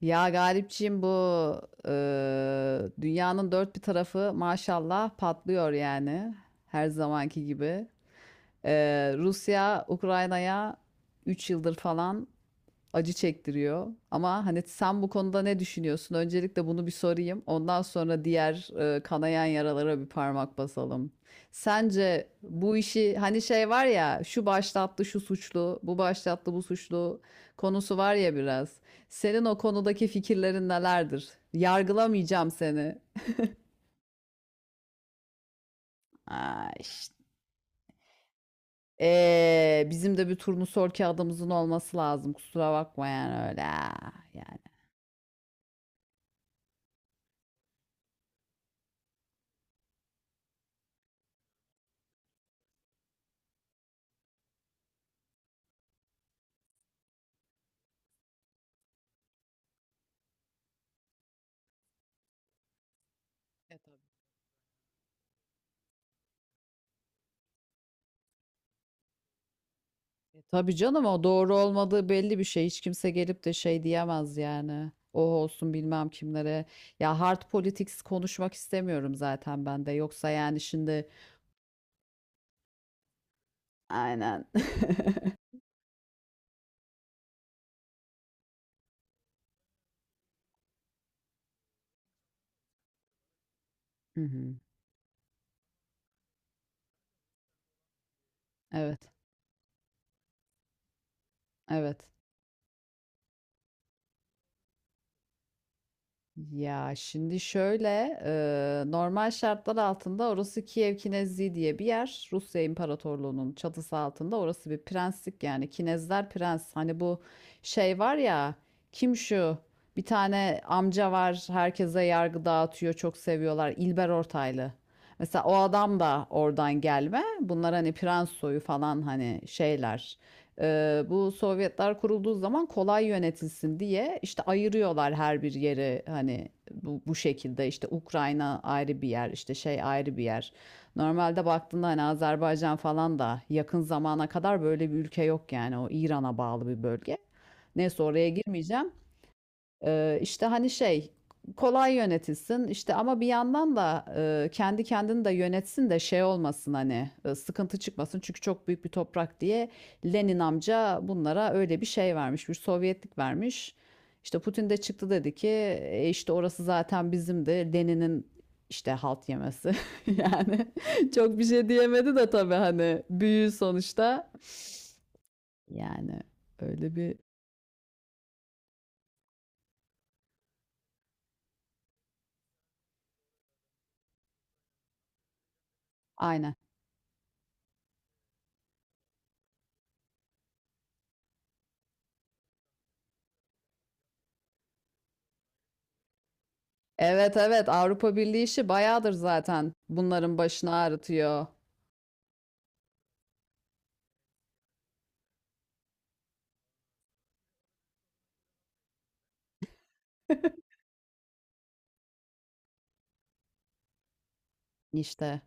Ya Galipciğim, bu dünyanın dört bir tarafı maşallah patlıyor yani, her zamanki gibi. Rusya Ukrayna'ya 3 yıldır falan acı çektiriyor. Ama hani sen bu konuda ne düşünüyorsun? Öncelikle bunu bir sorayım. Ondan sonra diğer kanayan yaralara bir parmak basalım. Sence bu işi, hani şey var ya, şu başlattı şu suçlu, bu başlattı bu suçlu konusu var ya biraz. Senin o konudaki fikirlerin nelerdir? Yargılamayacağım seni. Aa, işte. Bizim de bir turnusol kağıdımızın olması lazım. Kusura bakma yani öyle. Yani. Tabii canım, o doğru olmadığı belli bir şey. Hiç kimse gelip de şey diyemez yani. O olsun bilmem kimlere. Ya, hard politics konuşmak istemiyorum zaten ben de. Yoksa yani şimdi aynen. Hı hı. Evet. Evet. Ya şimdi şöyle, normal şartlar altında orası Kiev Kinezliği diye bir yer. Rusya İmparatorluğu'nun çatısı altında orası bir prenslik yani. Kinezler prens. Hani bu şey var ya, kim şu? Bir tane amca var, herkese yargı dağıtıyor, çok seviyorlar. İlber Ortaylı. Mesela o adam da oradan gelme. Bunlar hani prens soyu falan, hani şeyler. Bu Sovyetler kurulduğu zaman kolay yönetilsin diye işte ayırıyorlar her bir yeri, hani bu şekilde. İşte Ukrayna ayrı bir yer, işte şey ayrı bir yer. Normalde baktığında hani Azerbaycan falan da yakın zamana kadar böyle bir ülke yok yani, o İran'a bağlı bir bölge. Neyse, oraya girmeyeceğim. İşte hani şey, kolay yönetilsin işte, ama bir yandan da kendi kendini de yönetsin de şey olmasın, hani sıkıntı çıkmasın, çünkü çok büyük bir toprak diye Lenin amca bunlara öyle bir şey vermiş, bir Sovyetlik vermiş. İşte Putin de çıktı, dedi ki: işte orası zaten bizimdi, Lenin'in işte halt yemesi." Yani çok bir şey diyemedi de tabii, hani büyü sonuçta yani, öyle bir... Aynen. Evet evet, Avrupa Birliği işi bayağıdır zaten, bunların başını ağrıtıyor. İşte,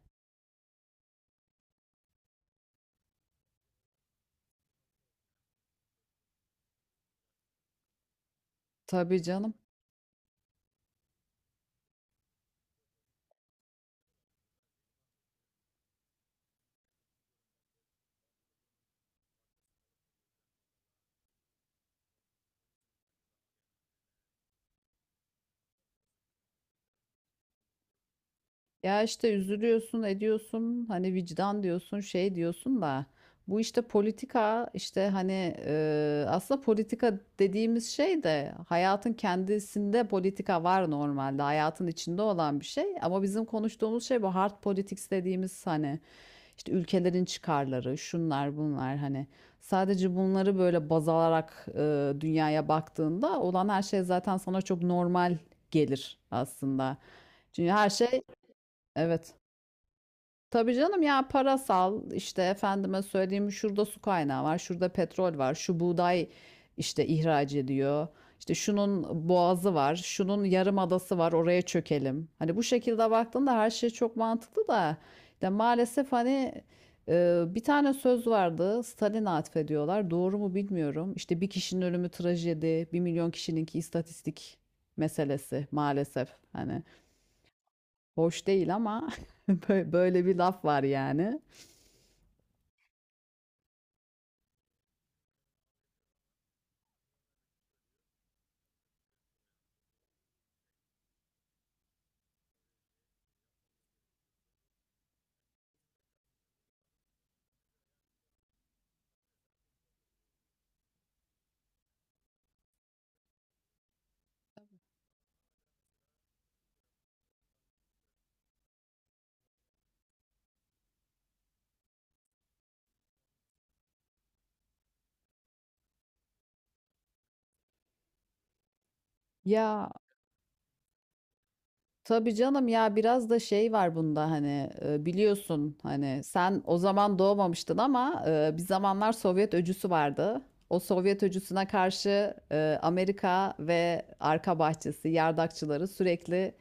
tabii canım. Ya, işte üzülüyorsun, ediyorsun, hani vicdan diyorsun, şey diyorsun da bu işte politika, işte hani, aslında politika dediğimiz şey de hayatın kendisinde, politika var normalde, hayatın içinde olan bir şey, ama bizim konuştuğumuz şey bu hard politics dediğimiz, hani işte ülkelerin çıkarları, şunlar bunlar, hani sadece bunları böyle baz alarak dünyaya baktığında olan her şey zaten sana çok normal gelir aslında. Çünkü her şey... Evet. Tabii canım, ya parasal, işte efendime söyleyeyim, şurada su kaynağı var, şurada petrol var, şu buğday işte ihraç ediyor. İşte şunun boğazı var, şunun yarım adası var, oraya çökelim. Hani bu şekilde baktığında her şey çok mantıklı da işte, maalesef hani, bir tane söz vardı, Stalin'e atfediyorlar. Doğru mu bilmiyorum. İşte, bir kişinin ölümü trajedi, 1 milyon kişininki istatistik meselesi, maalesef. Hani, hoş değil ama böyle bir laf var yani. Ya tabii canım, ya biraz da şey var bunda, hani biliyorsun, hani sen o zaman doğmamıştın, ama bir zamanlar Sovyet öcüsü vardı. O Sovyet öcüsüne karşı Amerika ve arka bahçesi yardakçıları sürekli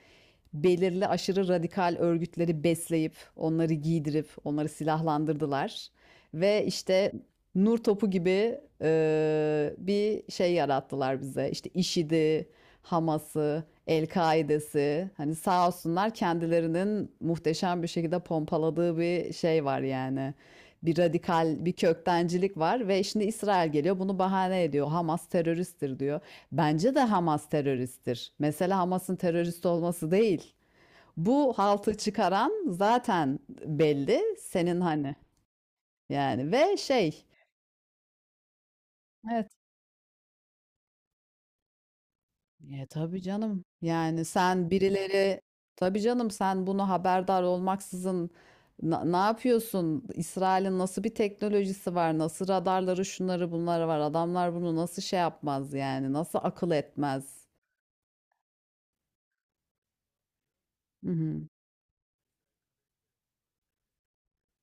belirli aşırı radikal örgütleri besleyip, onları giydirip, onları silahlandırdılar. Ve işte nur topu gibi bir şey yarattılar bize. İşte IŞİD'i, Hamas'ı, El-Kaide'si. Hani sağ olsunlar, kendilerinin muhteşem bir şekilde pompaladığı bir şey var yani. Bir radikal, bir köktencilik var ve şimdi İsrail geliyor, bunu bahane ediyor. Hamas teröristtir diyor. Bence de Hamas teröristtir. Mesela Hamas'ın terörist olması değil, bu haltı çıkaran zaten belli, senin hani. Yani ve şey, evet. Tabii canım, yani sen birileri... Tabii canım, sen bunu haberdar olmaksızın ne yapıyorsun? İsrail'in nasıl bir teknolojisi var? Nasıl radarları, şunları bunları var? Adamlar bunu nasıl şey yapmaz yani? Nasıl akıl etmez? Hı hı,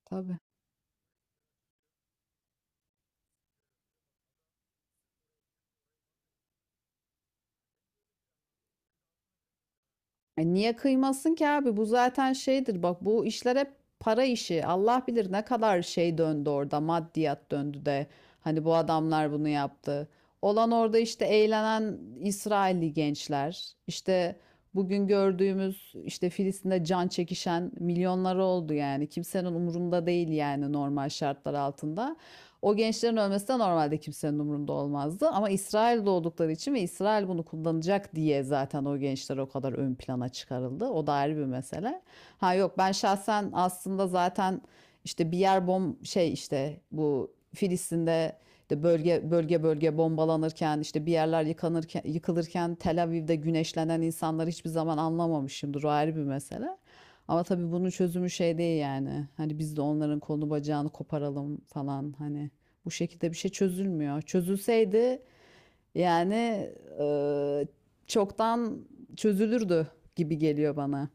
tabii. E, niye kıymasın ki abi? Bu zaten şeydir. Bak, bu işler hep para işi. Allah bilir ne kadar şey döndü orada. Maddiyat döndü de. Hani, bu adamlar bunu yaptı. Olan orada işte eğlenen İsrailli gençler. İşte bugün gördüğümüz işte Filistin'de can çekişen milyonları oldu yani. Kimsenin umurunda değil yani, normal şartlar altında. O gençlerin ölmesi de normalde kimsenin umurunda olmazdı. Ama İsrail'de oldukları için ve İsrail bunu kullanacak diye zaten o gençler o kadar ön plana çıkarıldı. O da ayrı bir mesele. Ha yok, ben şahsen aslında zaten işte, bir yer şey, işte bu Filistin'de, işte bölge bölge bölge bombalanırken, işte bir yerler yıkanırken, yıkılırken, Tel Aviv'de güneşlenen insanları hiçbir zaman anlamamışımdır. O ayrı bir mesele. Ama tabii bunun çözümü şey değil yani. Hani biz de onların kolunu bacağını koparalım falan, hani. Bu şekilde bir şey çözülmüyor. Çözülseydi yani, e, çoktan çözülürdü gibi geliyor bana.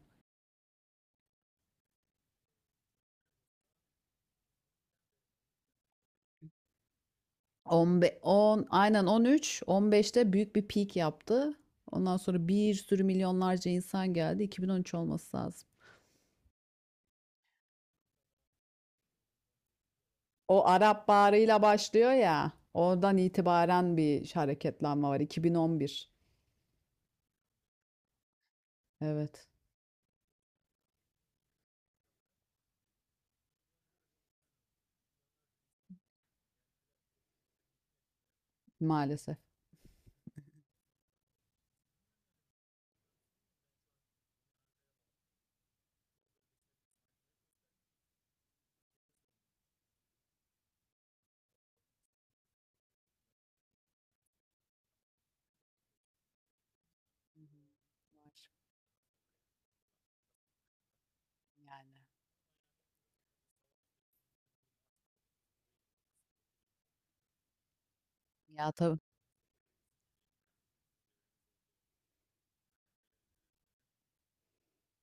15, 10, aynen 13, 15'te büyük bir peak yaptı. Ondan sonra bir sürü milyonlarca insan geldi. 2013 olması lazım. O Arap Baharı'yla başlıyor ya. Oradan itibaren bir hareketlenme var. 2011. Evet, maalesef. Var. Yani. Ya tabii.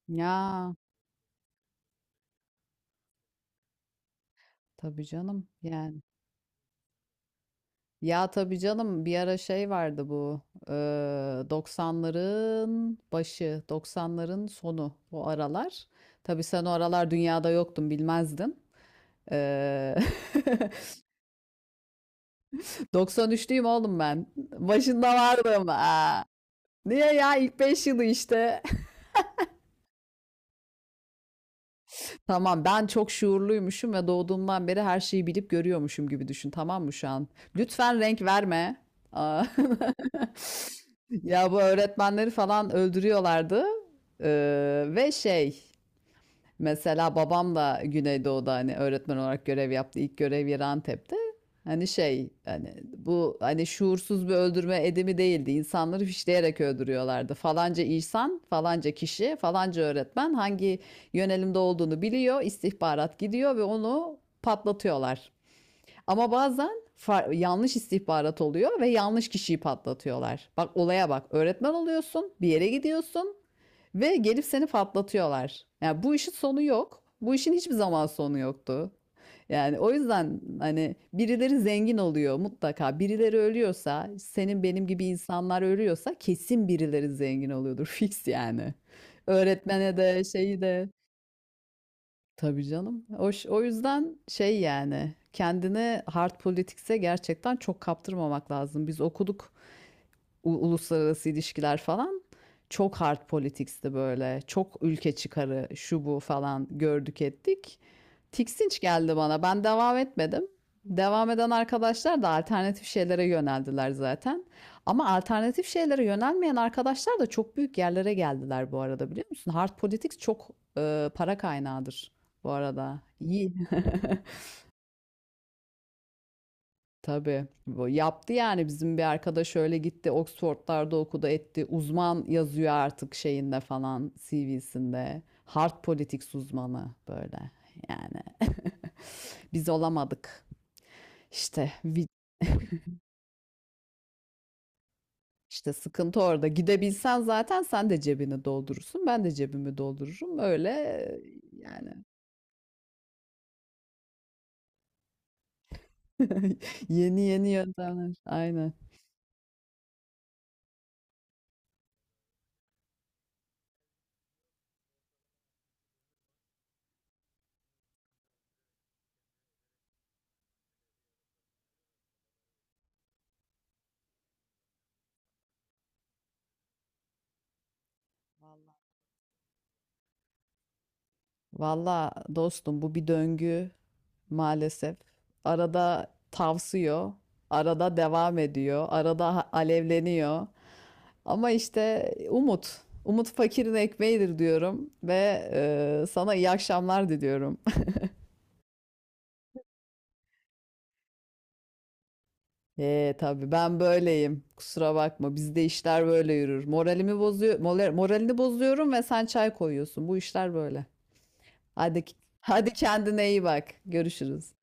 Ya tabii canım yani. Ya tabii canım, bir ara şey vardı bu eee, 90'ların başı, 90'ların sonu, o aralar. Tabii sen o aralar dünyada yoktun, bilmezdin. Eee 93'lüyüm oğlum ben. Başında vardım. Aa. Niye ya, ilk 5 yılı işte. Tamam, ben çok şuurluymuşum ve doğduğumdan beri her şeyi bilip görüyormuşum gibi düşün, tamam mı şu an? Lütfen renk verme. Aa. Ya, bu öğretmenleri falan öldürüyorlardı. Ve şey... Mesela babam da Güneydoğu'da hani öğretmen olarak görev yaptı. İlk görev yeri Antep'te. Hani şey, hani bu, hani şuursuz bir öldürme edimi değildi. İnsanları fişleyerek öldürüyorlardı. Falanca insan, falanca kişi, falanca öğretmen hangi yönelimde olduğunu biliyor. İstihbarat gidiyor ve onu patlatıyorlar. Ama bazen yanlış istihbarat oluyor ve yanlış kişiyi patlatıyorlar. Bak olaya bak. Öğretmen oluyorsun, bir yere gidiyorsun ve gelip seni patlatıyorlar. Yani bu işin sonu yok. Bu işin hiçbir zaman sonu yoktu. Yani o yüzden hani birileri zengin oluyor mutlaka. Birileri ölüyorsa, senin benim gibi insanlar ölüyorsa, kesin birileri zengin oluyordur fix yani. Öğretmene de, şeyi de... Tabii canım. O, o yüzden şey, yani kendini hard politics'e gerçekten çok kaptırmamak lazım. Biz okuduk uluslararası ilişkiler falan. Çok hard politics'ti böyle. Çok ülke çıkarı, şu bu falan, gördük ettik. Tiksinç geldi bana. Ben devam etmedim. Devam eden arkadaşlar da alternatif şeylere yöneldiler zaten. Ama alternatif şeylere yönelmeyen arkadaşlar da çok büyük yerlere geldiler bu arada, biliyor musun? Hard Politics çok para kaynağıdır bu arada. İyi. Tabii. Bu yaptı yani, bizim bir arkadaş öyle gitti, Oxford'larda okudu etti. Uzman yazıyor artık şeyinde falan, CV'sinde. Hard Politics uzmanı böyle yani. Biz olamadık. İşte işte sıkıntı orada. Gidebilsen zaten sen de cebini doldurursun, ben de cebimi doldururum. Öyle yani, yeni yeni yöntemler. Aynen. Valla dostum, bu bir döngü maalesef. Arada tavsıyor, arada devam ediyor, arada alevleniyor. Ama işte umut. Umut fakirin ekmeğidir diyorum ve sana iyi akşamlar diliyorum. Tabii, ben böyleyim. Kusura bakma. Bizde işler böyle yürür. Moralimi bozuyor, moralini bozuyorum ve sen çay koyuyorsun. Bu işler böyle. Hadi, hadi kendine iyi bak. Görüşürüz.